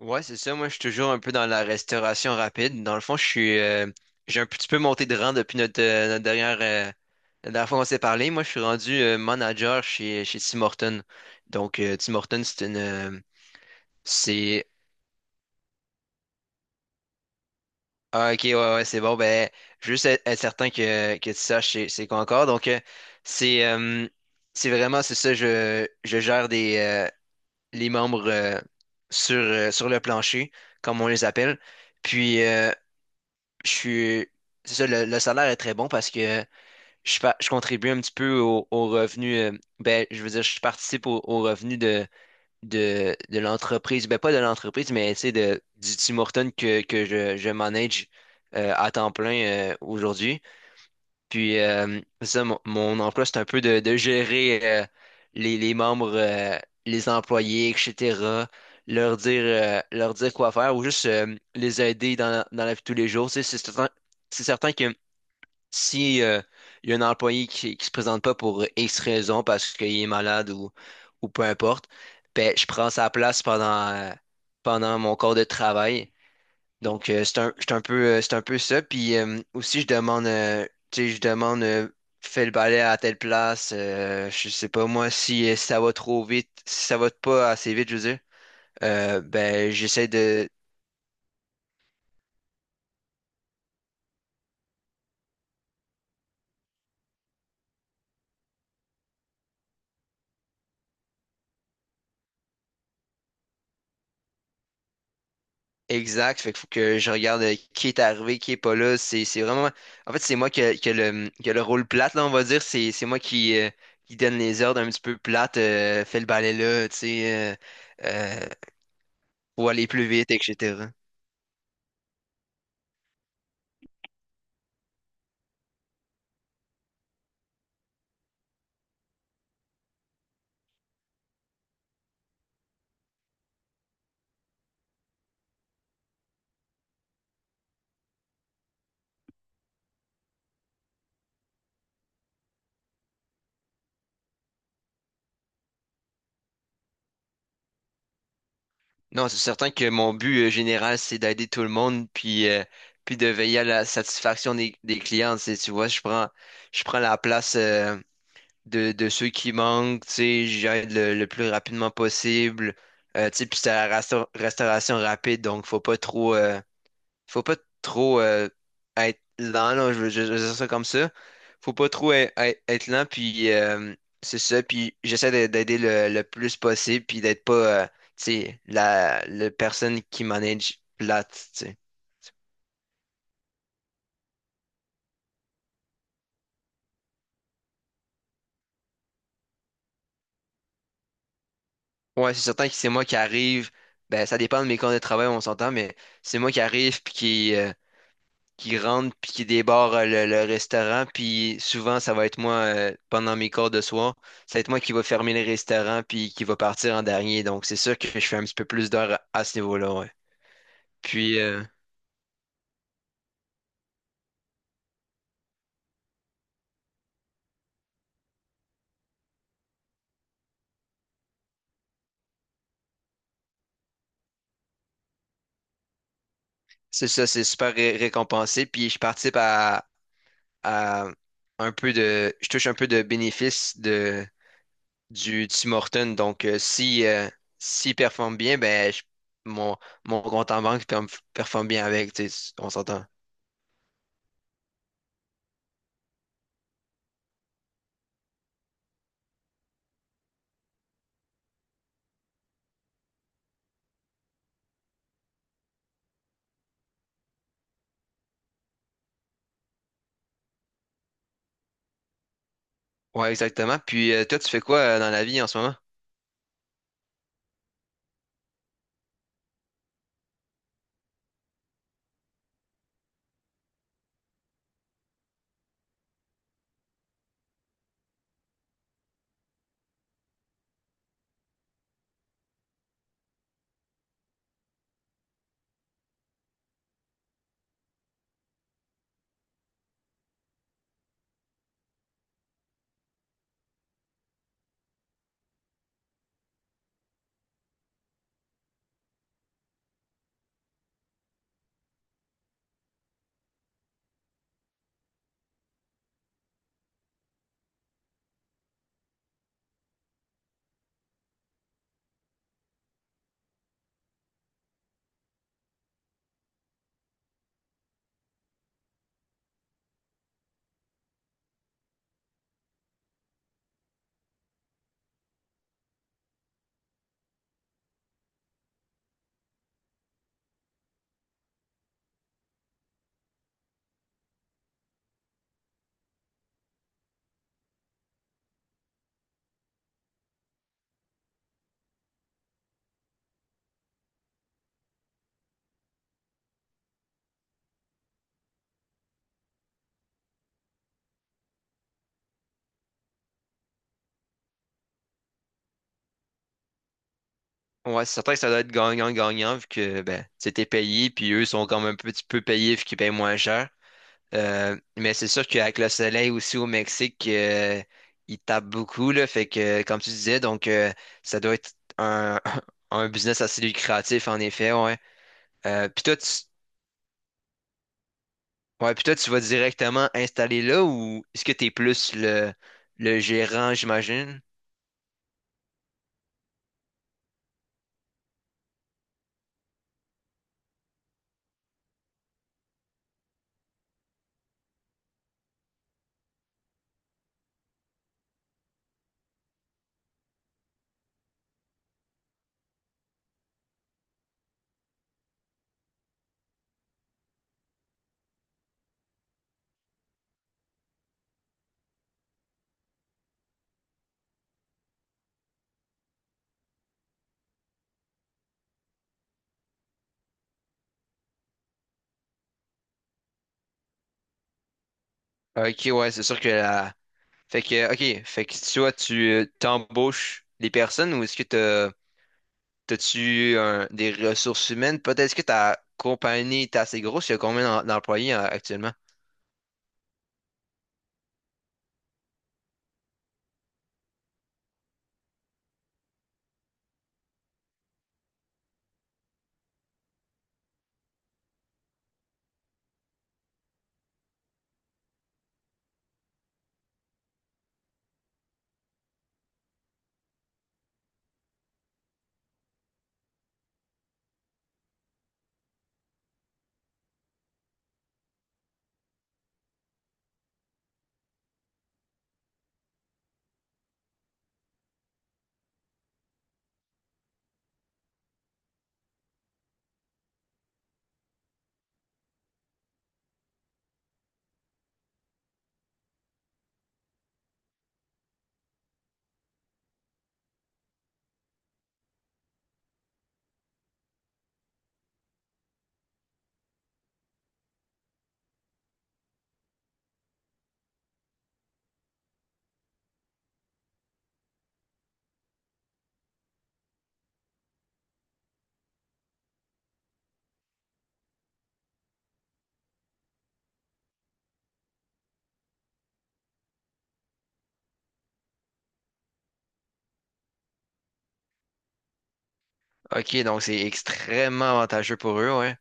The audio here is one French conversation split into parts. Ouais, c'est ça. Moi, je suis toujours un peu dans la restauration rapide. Dans le fond, j'ai un petit peu monté de rang depuis notre dernière fois qu'on s'est parlé. Moi, je suis rendu manager chez Tim Hortons. Donc, Tim Hortons, c'est, ah, ok, ouais, ouais, c'est bon. Ben, juste être certain que tu saches c'est quoi encore. C'est, euh, c'est vraiment, c'est ça. Je gère les membres sur, sur le plancher, comme on les appelle. Puis, je suis. C'est ça, le salaire est très bon parce que je contribue un petit peu au revenu. Je veux dire, je participe au revenu de l'entreprise. Ben, pas de l'entreprise, mais tu sais, de, du Tim Hortons que je manage à temps plein aujourd'hui. Mon emploi, c'est un peu de gérer les membres, les employés, etc. Leur dire quoi faire ou juste les aider dans dans la vie de tous les jours. Tu sais. C'est certain que si il y a un employé qui se présente pas pour X raison, parce qu'il est malade ou peu importe, ben, je prends sa place pendant mon corps de travail. Donc, c'est un peu ça. Puis aussi, je demande, fais le balai à telle place. Je sais pas moi si, si ça va trop vite, si ça va pas assez vite, je veux dire. Ben, j'essaie de Exact. Fait qu'il faut que je regarde qui est arrivé, qui est pas là. C'est vraiment. En fait, c'est moi qui a qui a le rôle plate là, on va dire. C'est moi qui donne les ordres un petit peu plates. Fais le balai là, tu sais, euh, faut aller plus vite, etc. Non, c'est certain que mon but général, c'est d'aider tout le monde, puis, puis de veiller à la satisfaction des clients. Tu sais, tu vois, je prends la place de ceux qui manquent, tu sais, j'aide le plus rapidement possible. Tu sais, puis c'est la restauration rapide, donc faut pas trop être lent, là, je veux dire ça comme ça. Faut pas trop être lent, puis c'est ça. Puis d'aider le plus possible, puis d'être pas, tu sais, la personne qui manage plate, tu sais. Ouais, c'est certain que c'est moi qui arrive. Ben, ça dépend de mes conditions de travail, on s'entend, mais c'est moi qui arrive, puis qui rentre puis qui débarre le restaurant. Puis souvent, ça va être moi, pendant mes cours de soir, ça va être moi qui va fermer le restaurant puis qui va partir en dernier. Donc, c'est sûr que je fais un petit peu plus d'heures à ce niveau-là, ouais. Puis, euh, c'est super récompensé. Puis, je participe à un peu de, je touche un peu de bénéfices du Tim Horton. Donc, si, s'il performe bien, mon, mon compte en banque performe bien avec, tu sais, on s'entend. Ouais, exactement. Puis, toi, tu fais quoi dans la vie en ce moment? Ouais, c'est certain que ça doit être gagnant-gagnant vu que ben, c'était payé, puis eux sont quand même un petit peu payés vu qu'ils payent moins cher. Mais c'est sûr qu'avec le soleil aussi au Mexique, il tape beaucoup, là. Fait que, comme tu disais, donc, ça doit être un, un business assez lucratif, en effet, ouais. Euh, puis toi, tu, ouais, puis toi, tu vas directement installer là ou est-ce que t'es plus le gérant, j'imagine? Ok, ouais, c'est sûr que la... Fait que toi, tu t'embauches les personnes ou est-ce que t'as-tu des ressources humaines? Peut-être est-ce que ta compagnie est assez grosse. Il y a combien d'employés actuellement? OK, donc c'est extrêmement avantageux pour eux, ouais.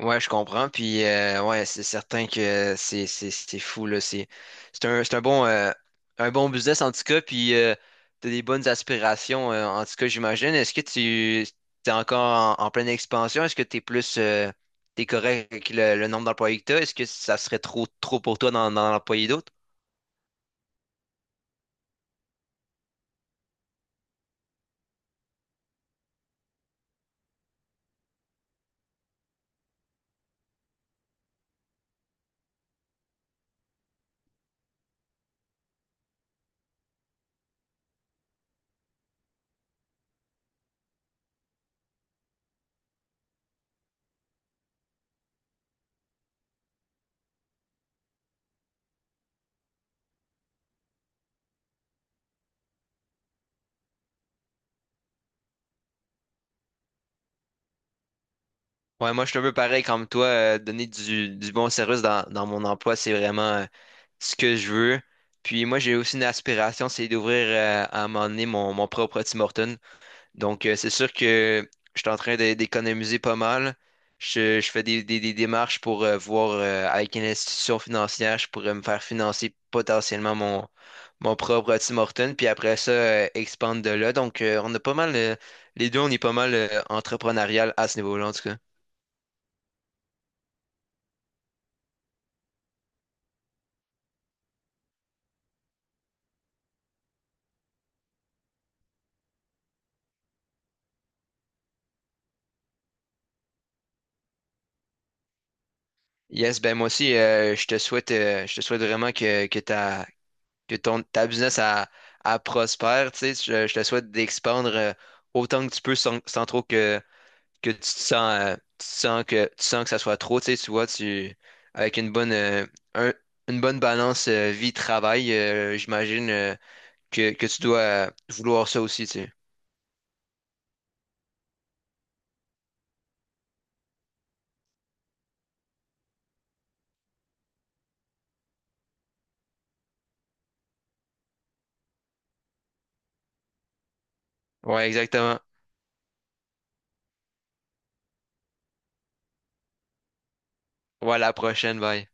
Ouais, je comprends. Puis ouais, c'est certain que c'est fou là. C'est un bon business en tout cas. Puis t'as des bonnes aspirations en tout cas, j'imagine. Est-ce que tu t'es encore en pleine expansion? Est-ce que t'es plus t'es correct avec le nombre d'employés que t'as? Est-ce que ça serait trop trop pour toi d'en employer d'autres? Ouais, moi, je suis un peu pareil comme toi. Donner du bon service dans mon emploi, c'est vraiment ce que je veux. Puis moi, j'ai aussi une aspiration, c'est d'ouvrir à un moment donné mon propre Tim Hortons. Donc, c'est sûr que je suis d'économiser pas mal. Je fais des démarches pour voir avec une institution financière, je pourrais me faire financer potentiellement mon propre Tim Hortons. Puis après ça, expandre de là. Donc, on a pas mal, on est pas mal entrepreneurial à ce niveau-là, en tout cas. Yes, ben moi aussi, je te souhaite vraiment que ta business a, a prospère, tu sais, je te souhaite d'expandre autant que tu peux sans trop que tu te sens, tu te sens tu sens que ça soit trop, tu sais, tu vois, tu, avec un- une bonne balance vie-travail, j'imagine que tu dois vouloir ça aussi, tu sais. Ouais, exactement. Ouais, à la prochaine, bye.